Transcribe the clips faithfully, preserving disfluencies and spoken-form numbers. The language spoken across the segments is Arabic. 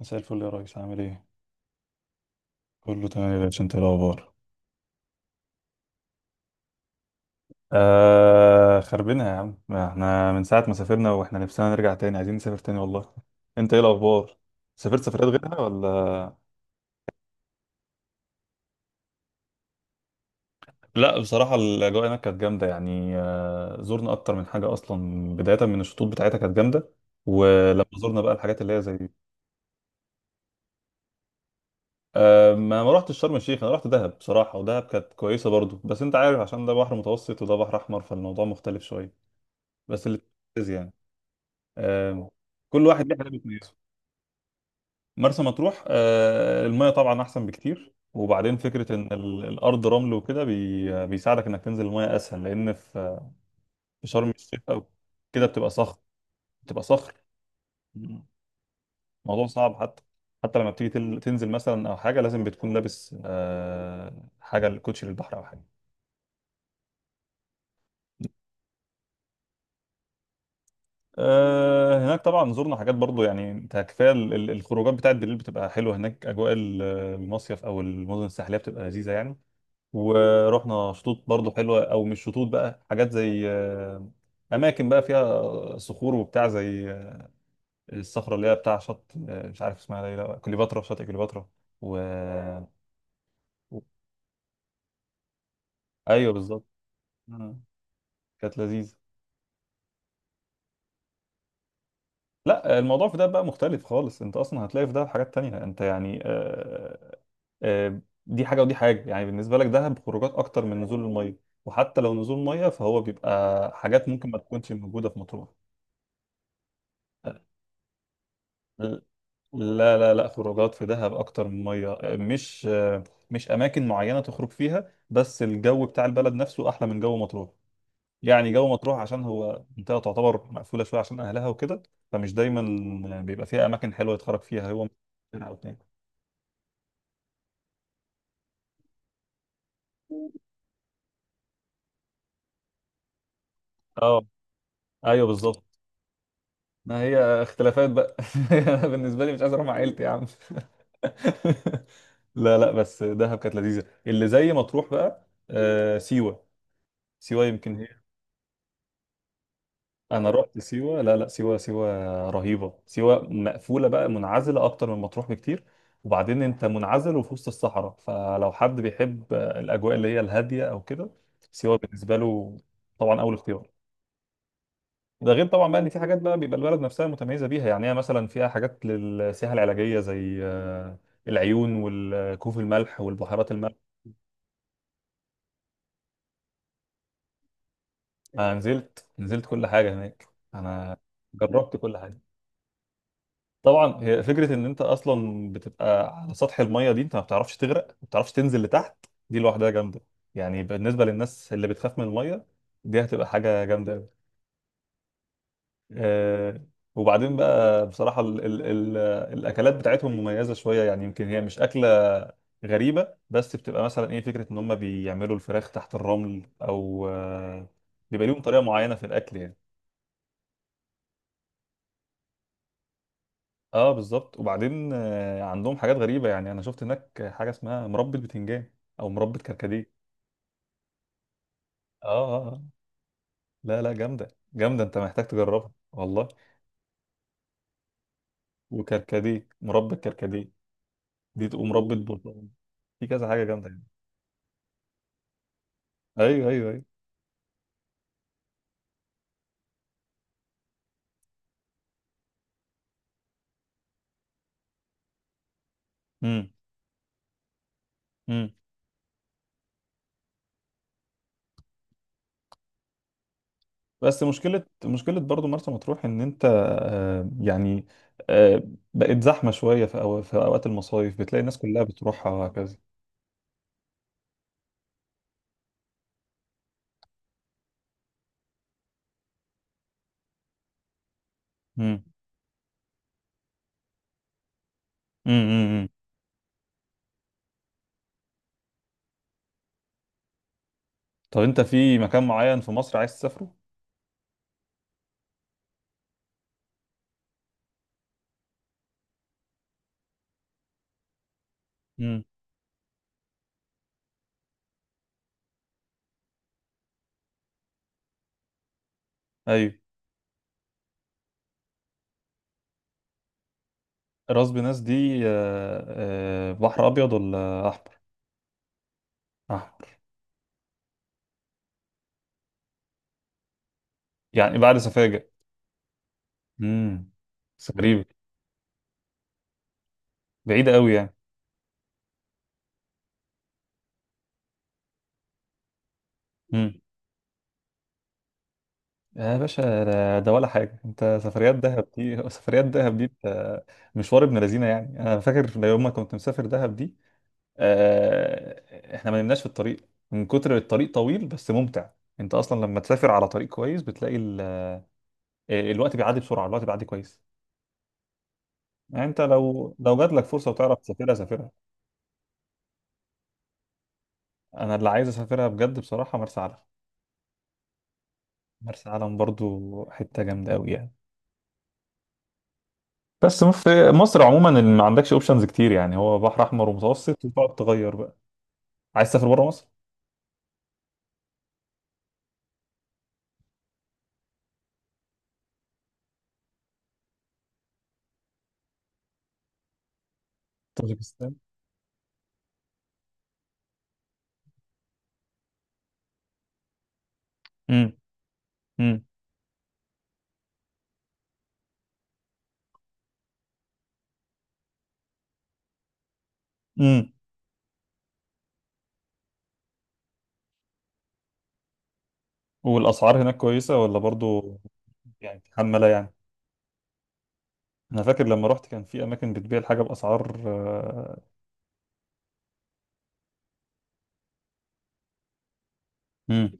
مساء الفل يا ريس، عامل ايه؟ كله تمام يا باشا، انت ايه الاخبار؟ آه خربنا يا عم، ما احنا من ساعة ما سافرنا واحنا نفسنا نرجع تاني، عايزين نسافر تاني والله. انت ايه الاخبار؟ سافرت سفرات غيرها ولا؟ لا بصراحة الأجواء هناك كانت جامدة، يعني آه زرنا أكتر من حاجة، أصلا بداية من الشطوط بتاعتها كانت جامدة. ولما زرنا بقى الحاجات اللي هي زي آه ما ما رحتش شرم الشيخ، أنا رحت دهب بصراحة. ودهب كانت كويسة برضو، بس أنت عارف عشان ده بحر متوسط وده بحر أحمر، فالموضوع مختلف شوية. بس اللي يعني آه، كل واحد ليه حاجه بتميزه. مرسى مطروح آه، الميه طبعا احسن بكتير، وبعدين فكره ان ال- الارض رمل وكده، بي- بيساعدك انك تنزل الميه اسهل، لان في في شرم الشيخ او كده بتبقى صخر، بتبقى صخر. الموضوع صعب، حتى حتى لما بتيجي تل- تنزل مثلا او حاجه لازم بتكون لابس آه، حاجه الكوتشي للبحر او حاجه. آه، هناك طبعا زرنا حاجات برضو. يعني انت كفايه ال- ال- الخروجات بتاعت بالليل بتبقى حلوه هناك، اجواء ال- المصيف او المدن الساحليه بتبقى لذيذه يعني. ورحنا شطوط برضو حلوه، او مش شطوط بقى، حاجات زي آه، اماكن بقى فيها صخور وبتاع، زي آه، الصخره اللي هي بتاع شط، آه، مش عارف اسمها ايه، لا كليوباترا، شاطئ كليوباترا. و و- ايوه بالظبط. آه، كانت لذيذه. لا الموضوع في ده بقى مختلف خالص، انت اصلا هتلاقي في ده حاجات تانية، انت يعني آه، آه، دي حاجه ودي حاجه، يعني بالنسبه لك دهب خروجات اكتر من نزول الميه، وحتى لو نزول ميه فهو بيبقى حاجات ممكن ما تكونش موجوده في مطروح. لا لا لا، خروجات في دهب اكتر من ميه. مش مش اماكن معينه تخرج فيها، بس الجو بتاع البلد نفسه احلى من جو مطروح. يعني جو مطروح عشان هو منطقه تعتبر مقفوله شويه عشان اهلها وكده، فمش دايما بيبقى فيها اماكن حلوه يتخرج فيها هو. سنة او اتنين. اه، ايوه بالظبط. ما هي اختلافات بقى انا بالنسبه لي مش عايز اروح مع عيلتي يا عم لا لا، بس دهب كانت لذيذه، اللي زي ما تروح بقى آه سيوه. سيوه يمكن. انا رحت سيوه. لا لا، سيوه سيوه رهيبه، سيوه مقفوله بقى، منعزله اكتر من مطروح بكتير. وبعدين انت منعزل وفي وسط الصحراء، فلو حد بيحب الاجواء اللي هي الهاديه او كده سيوه بالنسبه له طبعا اول اختيار. ده غير طبعا بقى ان في حاجات بقى بيبقى البلد نفسها متميزه بيها، يعني هي مثلا فيها حاجات للسياحه العلاجيه زي آه، العيون والكهوف الملح والبحيرات الملح. انا نزلت نزلت كل حاجه هناك. انا جربت كل حاجه. طبعا هي فكره ان انت اصلا بتبقى على سطح الميه دي، انت ما بتعرفش تغرق، ما بتعرفش تنزل لتحت، دي لوحدها جامده، يعني بالنسبه للناس اللي بتخاف من الميه دي هتبقى حاجه جامده قوي. آه. وبعدين بقى بصراحه ال ال ال الاكلات بتاعتهم مميزه شويه، يعني يمكن هي مش اكله غريبه، بس بتبقى مثلا ايه، فكره ان هم بيعملوا الفراخ تحت الرمل، او آه بيبقى ليهم طريقه معينه في الاكل يعني. اه بالظبط. وبعدين آه، عندهم حاجات غريبة، يعني انا شفت هناك حاجة اسمها مربى بتنجان او مربى كركديه. اه، آه، آه. لا لا، جامدة جامدة، انت محتاج تجربها والله. وكركديه، مربى كركديه، دي تقوم مربى برتقال. في كذا حاجة جامدة يعني. ايوه ايوه ايوه. امم. امم. بس مشكلة مشكلة برضو مرسى مطروح ان انت آه، يعني آه، بقت زحمة شوية في أو- في اوقات المصايف بتلاقي الناس كلها بتروحها وهكذا. امم. امم. أمم. طب انت في مكان معين في مصر عايز تسافره؟ امم. ايوه. راس بناس دي آه، آه، بحر ابيض ولا احمر؟ احمر. يعني بعد سفاجة. امم. بس غريبة، بعيدة قوي يعني. امم. يا باشا ده ده ولا حاجة؟ انت سفريات دهب دي سفريات دهب دي انت مشوار ابن لذينة، يعني انا فاكر يوم ما كنت مسافر دهب دي آه، احنا ما نمناش في الطريق من كتر الطريق طويل، بس ممتع. انت اصلا لما تسافر على طريق كويس بتلاقي ال- آه، الوقت بيعدي بسرعة، الوقت بيعدي كويس. يعني انت لو لو جات لك فرصة وتعرف تسافرها سافرها. انا اللي عايز اسافرها بجد بصراحه مرسى علم. مرسى علم برضو حته جامده قوي يعني. بس في مصر عموما اللي ما عندكش اوبشنز كتير، يعني هو بحر احمر ومتوسط وتقعد تغير بقى. عايز تسافر بره مصر. طاجيكستان. امم. امم. امم. والاسعار هناك كويسه ولا برضو؟ يعني محمله يعني. انا فاكر لما رحت كان في اماكن بتبيع الحاجه باسعار. امم.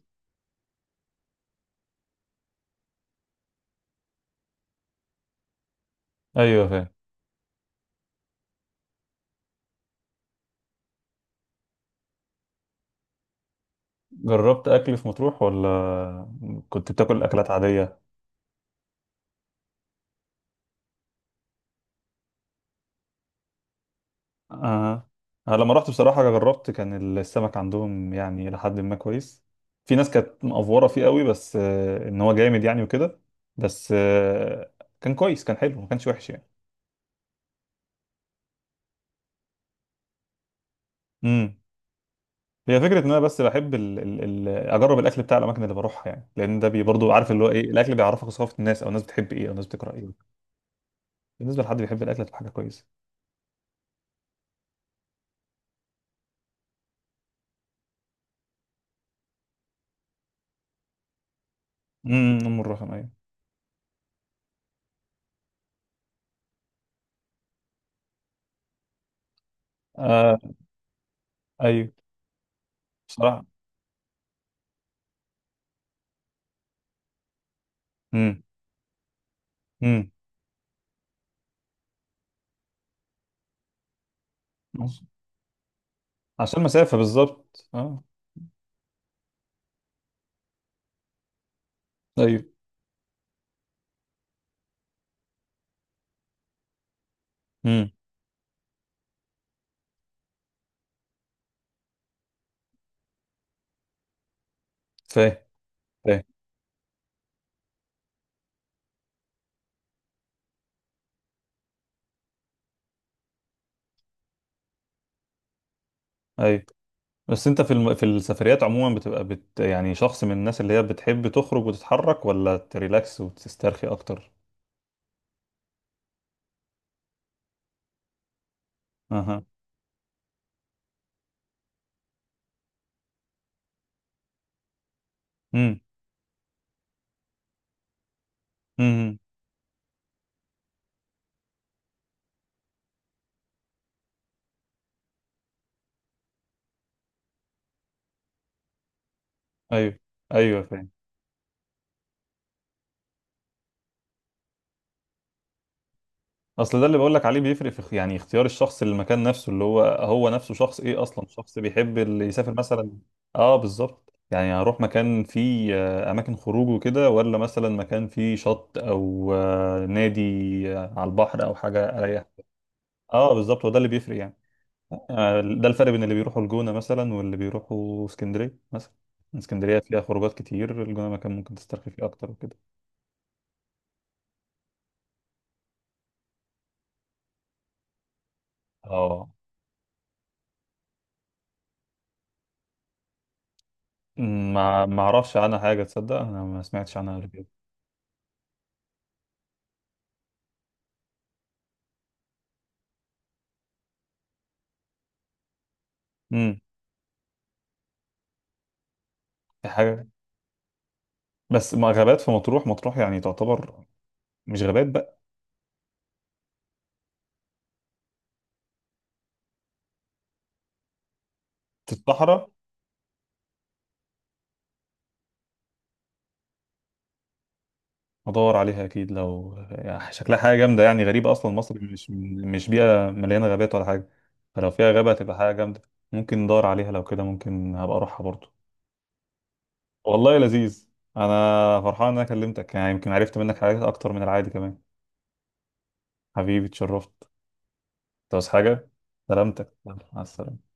ايوه فاهم. جربت اكل في مطروح ولا كنت بتاكل اكلات عاديه؟ آه. أنا لما رحت بصراحة جربت، كان السمك عندهم يعني لحد ما كويس. في ناس كانت مقفورة فيه قوي، بس آه إن هو جامد يعني وكده. بس آه كان كويس، كان حلو، ما كانش وحش يعني. امم. هي فكرة إن أنا بس بحب ال ال ال أجرب الأكل بتاع الأماكن اللي بروحها، يعني لأن ده بي برضه عارف اللي هو إيه، الأكل بيعرفك ثقافة الناس، أو الناس بتحب إيه، أو الناس بتكره إيه. بالنسبة لحد بيحب الأكل هتبقى حاجة كويسة. امم. أم الرخم أيوه. آه أيوه. بصراحة. امم. امم. عشان مسافة بالظبط أه. أيوه. مم. فاهم. فاهم. ايوه. بس انت في الم... في السفريات عموما بتبقى بت... يعني شخص من الناس اللي هي بتحب تخرج وتتحرك، ولا تريلاكس وتسترخي اكتر؟ اها. امم. امم. ايوه ايوه فاهم. اصل ده اللي بقول لك عليه بيفرق في اخ- يعني اختيار الشخص للمكان نفسه، اللي هو هو نفسه شخص ايه اصلا، شخص بيحب اللي يسافر مثلا. اه بالظبط. يعني هروح مكان فيه آه، اماكن خروج وكده، ولا مثلا مكان فيه شط او آه، نادي آه، على البحر او حاجه اريح. اه بالظبط هو ده اللي بيفرق يعني. آه، ده الفرق بين اللي بيروحوا الجونة مثلا واللي بيروحوا اسكندرية مثلا. اسكندرية فيها خروجات كتير، الجونة مكان ممكن تسترخي فيه أكتر وكده. اه. أمم. ما ما أعرفش عنها حاجة تصدق، أنا ما سمعتش عنها قبل كده. أمم. في حاجة. بس ما غابات في مطروح، مطروح يعني تعتبر مش غابات بقى. في الصحراء. هدور عليها أكيد، لو يعني شكلها حاجة جامدة يعني غريبة. أصلا مصر مش مش بيئة مليانة غابات ولا حاجة، فلو فيها غابة هتبقى حاجة جامدة. ممكن ندور عليها، لو كده ممكن هبقى أروحها برضو. والله لذيذ. انا فرحان ان انا كلمتك، يعني يمكن عرفت منك حاجات اكتر من العادي كمان. حبيبي اتشرفت. انت عاوز حاجه؟ سلامتك يلا، مع السلامه.